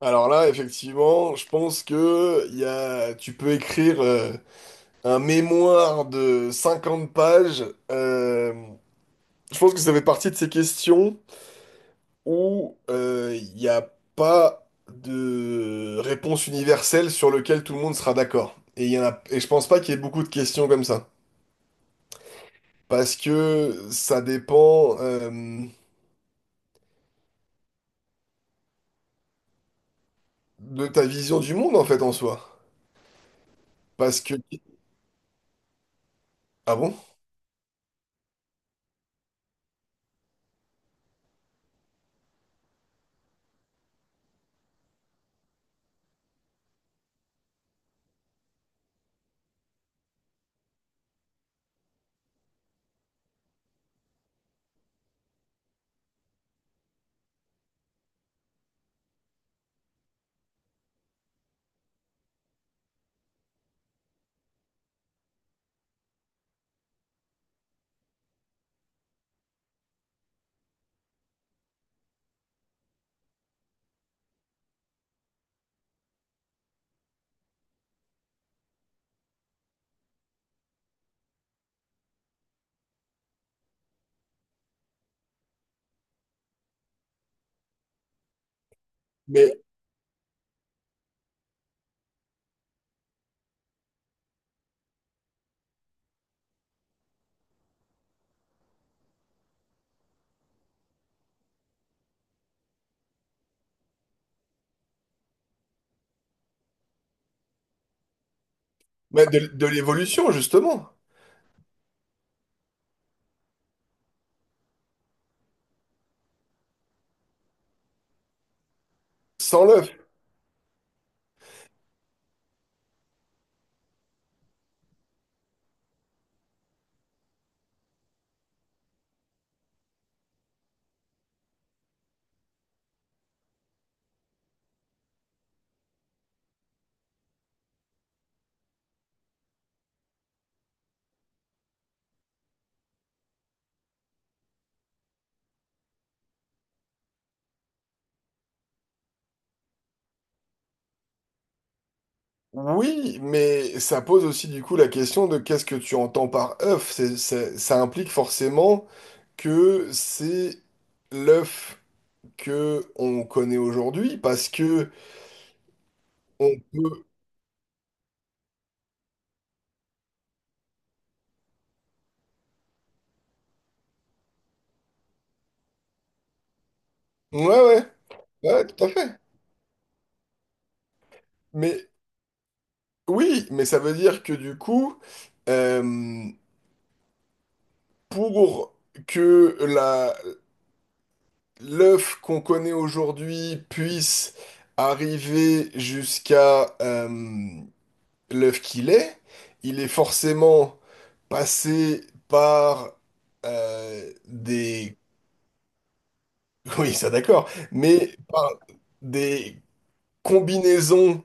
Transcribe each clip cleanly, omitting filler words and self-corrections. Alors là, effectivement, je pense que il y a, tu peux écrire un mémoire de 50 pages. Euh, je pense que ça fait partie de ces questions où il n'y a pas de réponse universelle sur lequel tout le monde sera d'accord. Et, il y en a, et je pense pas qu'il y ait beaucoup de questions comme ça. Parce que ça dépend de ta vision du monde, en fait, en soi. Parce que... Ah bon? Mais, mais de l'évolution, justement. Sans l'œuf. Oui, mais ça pose aussi du coup la question de qu'est-ce que tu entends par œuf. Ça implique forcément que c'est l'œuf que on connaît aujourd'hui parce que on peut. Ouais, ouais, ouais, tout à fait. Mais oui, mais ça veut dire que du coup, euh, pour que la l'œuf qu'on connaît aujourd'hui puisse arriver jusqu'à l'œuf qu'il est, il est forcément passé par des... Oui, ça d'accord, mais par des combinaisons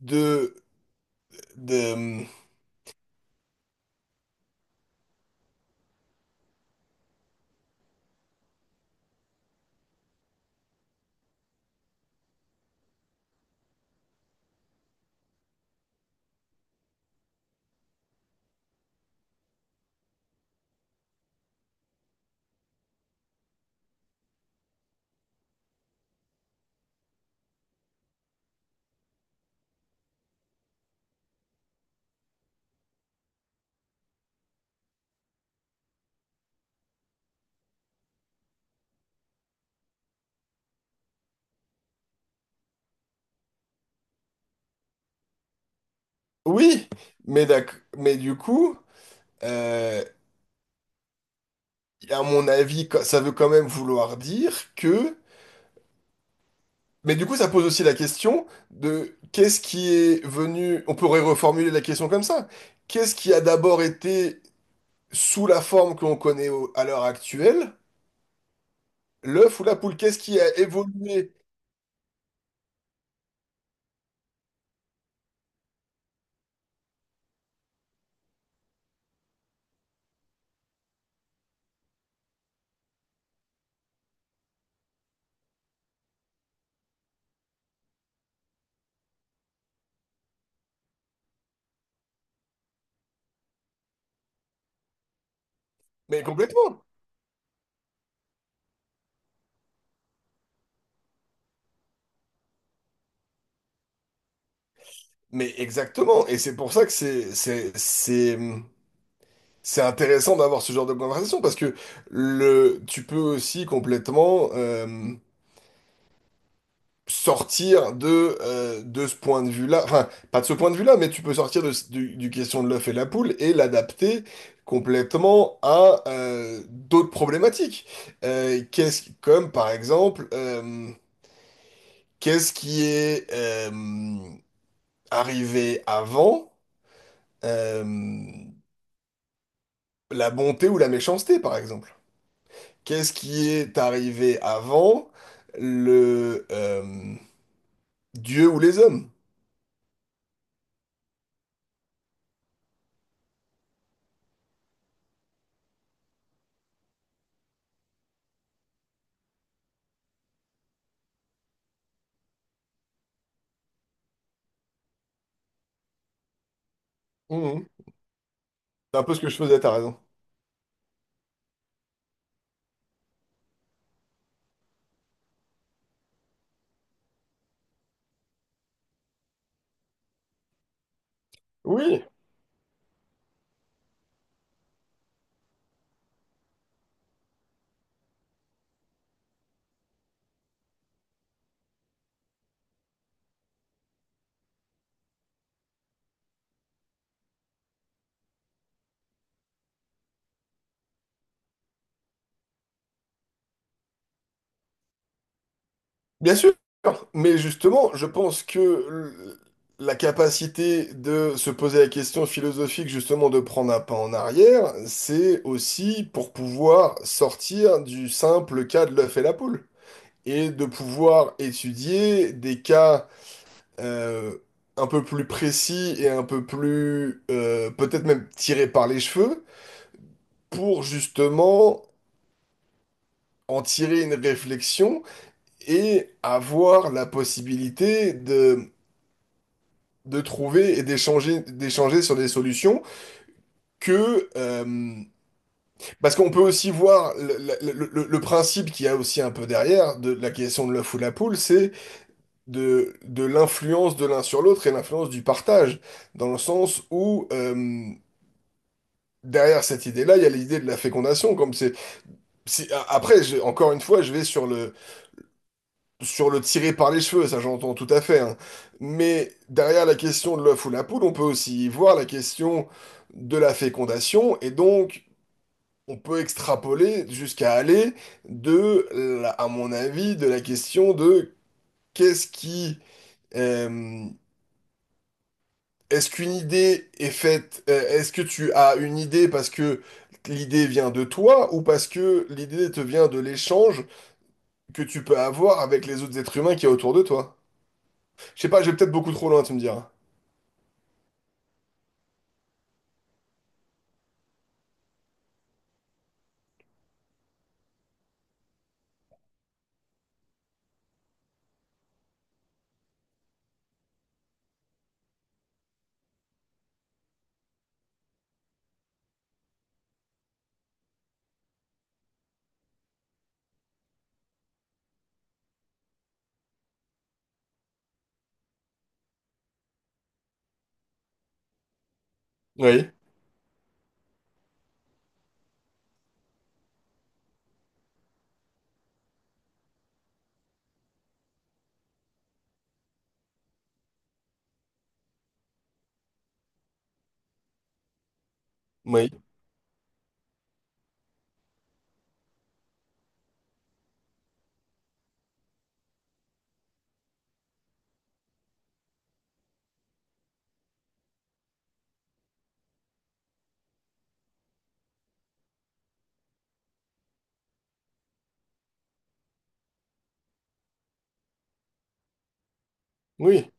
de... de... Oui, mais, mais du coup, euh, à mon avis, ça veut quand même vouloir dire que... Mais du coup, ça pose aussi la question de qu'est-ce qui est venu... On pourrait reformuler la question comme ça. Qu'est-ce qui a d'abord été sous la forme qu'on connaît à l'heure actuelle, l'œuf ou la poule, qu'est-ce qui a évolué? Mais complètement. Mais exactement. Et c'est pour ça que c'est intéressant d'avoir ce genre de conversation parce que le, tu peux aussi complètement sortir de ce point de vue-là. Enfin, pas de ce point de vue-là, mais tu peux sortir de, du question de l'œuf et la poule et l'adapter complètement à d'autres problématiques. Comme par exemple. Qu'est-ce qui est arrivé avant euh, la bonté ou la méchanceté, par exemple? Qu'est-ce qui est arrivé avant le Dieu ou les hommes? Mhm. C'est un peu ce que je faisais, t'as raison. Oui, bien sûr. Mais justement, je pense que la capacité de se poser la question philosophique, justement, de prendre un pas en arrière, c'est aussi pour pouvoir sortir du simple cas de l'œuf et la poule. Et de pouvoir étudier des cas euh, un peu plus précis et un peu plus peut-être même tirés par les cheveux pour justement en tirer une réflexion et avoir la possibilité de trouver et d'échanger sur des solutions que parce qu'on peut aussi voir le, le principe qu'il y a aussi un peu derrière de la question de l'œuf ou la poule, c'est de l'influence de l'un sur l'autre et l'influence du partage, dans le sens où derrière cette idée-là, il y a l'idée de la fécondation, comme c'est, après, encore une fois, je vais sur le tirer par les cheveux, ça j'entends tout à fait, hein. Mais derrière la question de l'œuf ou la poule, on peut aussi y voir la question de la fécondation, et donc... On peut extrapoler jusqu'à aller de, à mon avis, de la question de qu'est-ce qui, euh, est-ce qu'une idée est faite, est-ce que tu as une idée parce que l'idée vient de toi ou parce que l'idée te vient de l'échange que tu peux avoir avec les autres êtres humains qui y a autour de toi? Je sais pas, je vais peut-être beaucoup trop loin, tu me diras. Oui, oui, oui.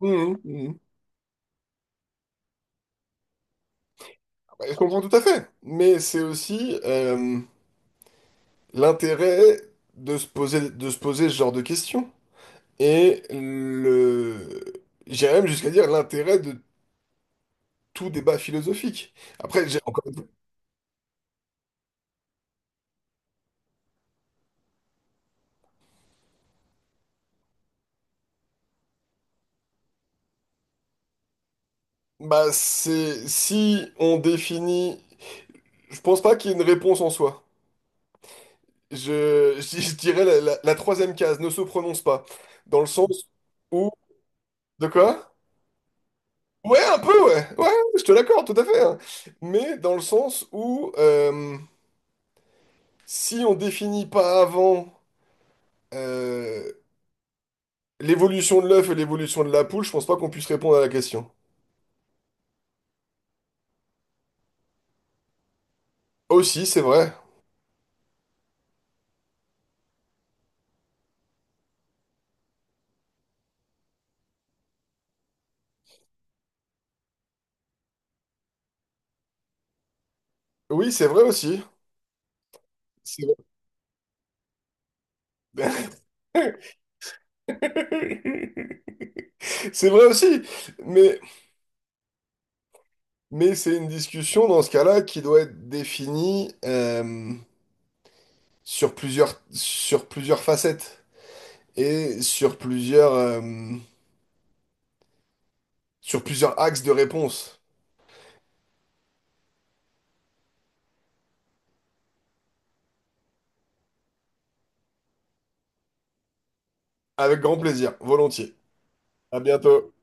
Mhm, mhm. Bah, je comprends tout à fait, mais c'est aussi l'intérêt de se poser ce genre de questions et le, j'irais même jusqu'à dire l'intérêt de tout débat philosophique. Après, j'ai encore. Bah, c'est si on définit. Je pense pas qu'il y ait une réponse en soi. Je dirais la, la troisième case ne se prononce pas. Dans le sens où. De quoi? Ouais, un peu, ouais. Ouais, je te l'accorde, tout à fait, hein. Mais dans le sens où si on définit pas avant euh, l'évolution de l'œuf et l'évolution de la poule, je pense pas qu'on puisse répondre à la question. Aussi, c'est vrai. Oui, c'est vrai aussi. C'est vrai. C'est vrai aussi, mais. Mais c'est une discussion dans ce cas-là qui doit être définie sur plusieurs facettes et sur plusieurs axes de réponse. Avec grand plaisir, volontiers. À bientôt.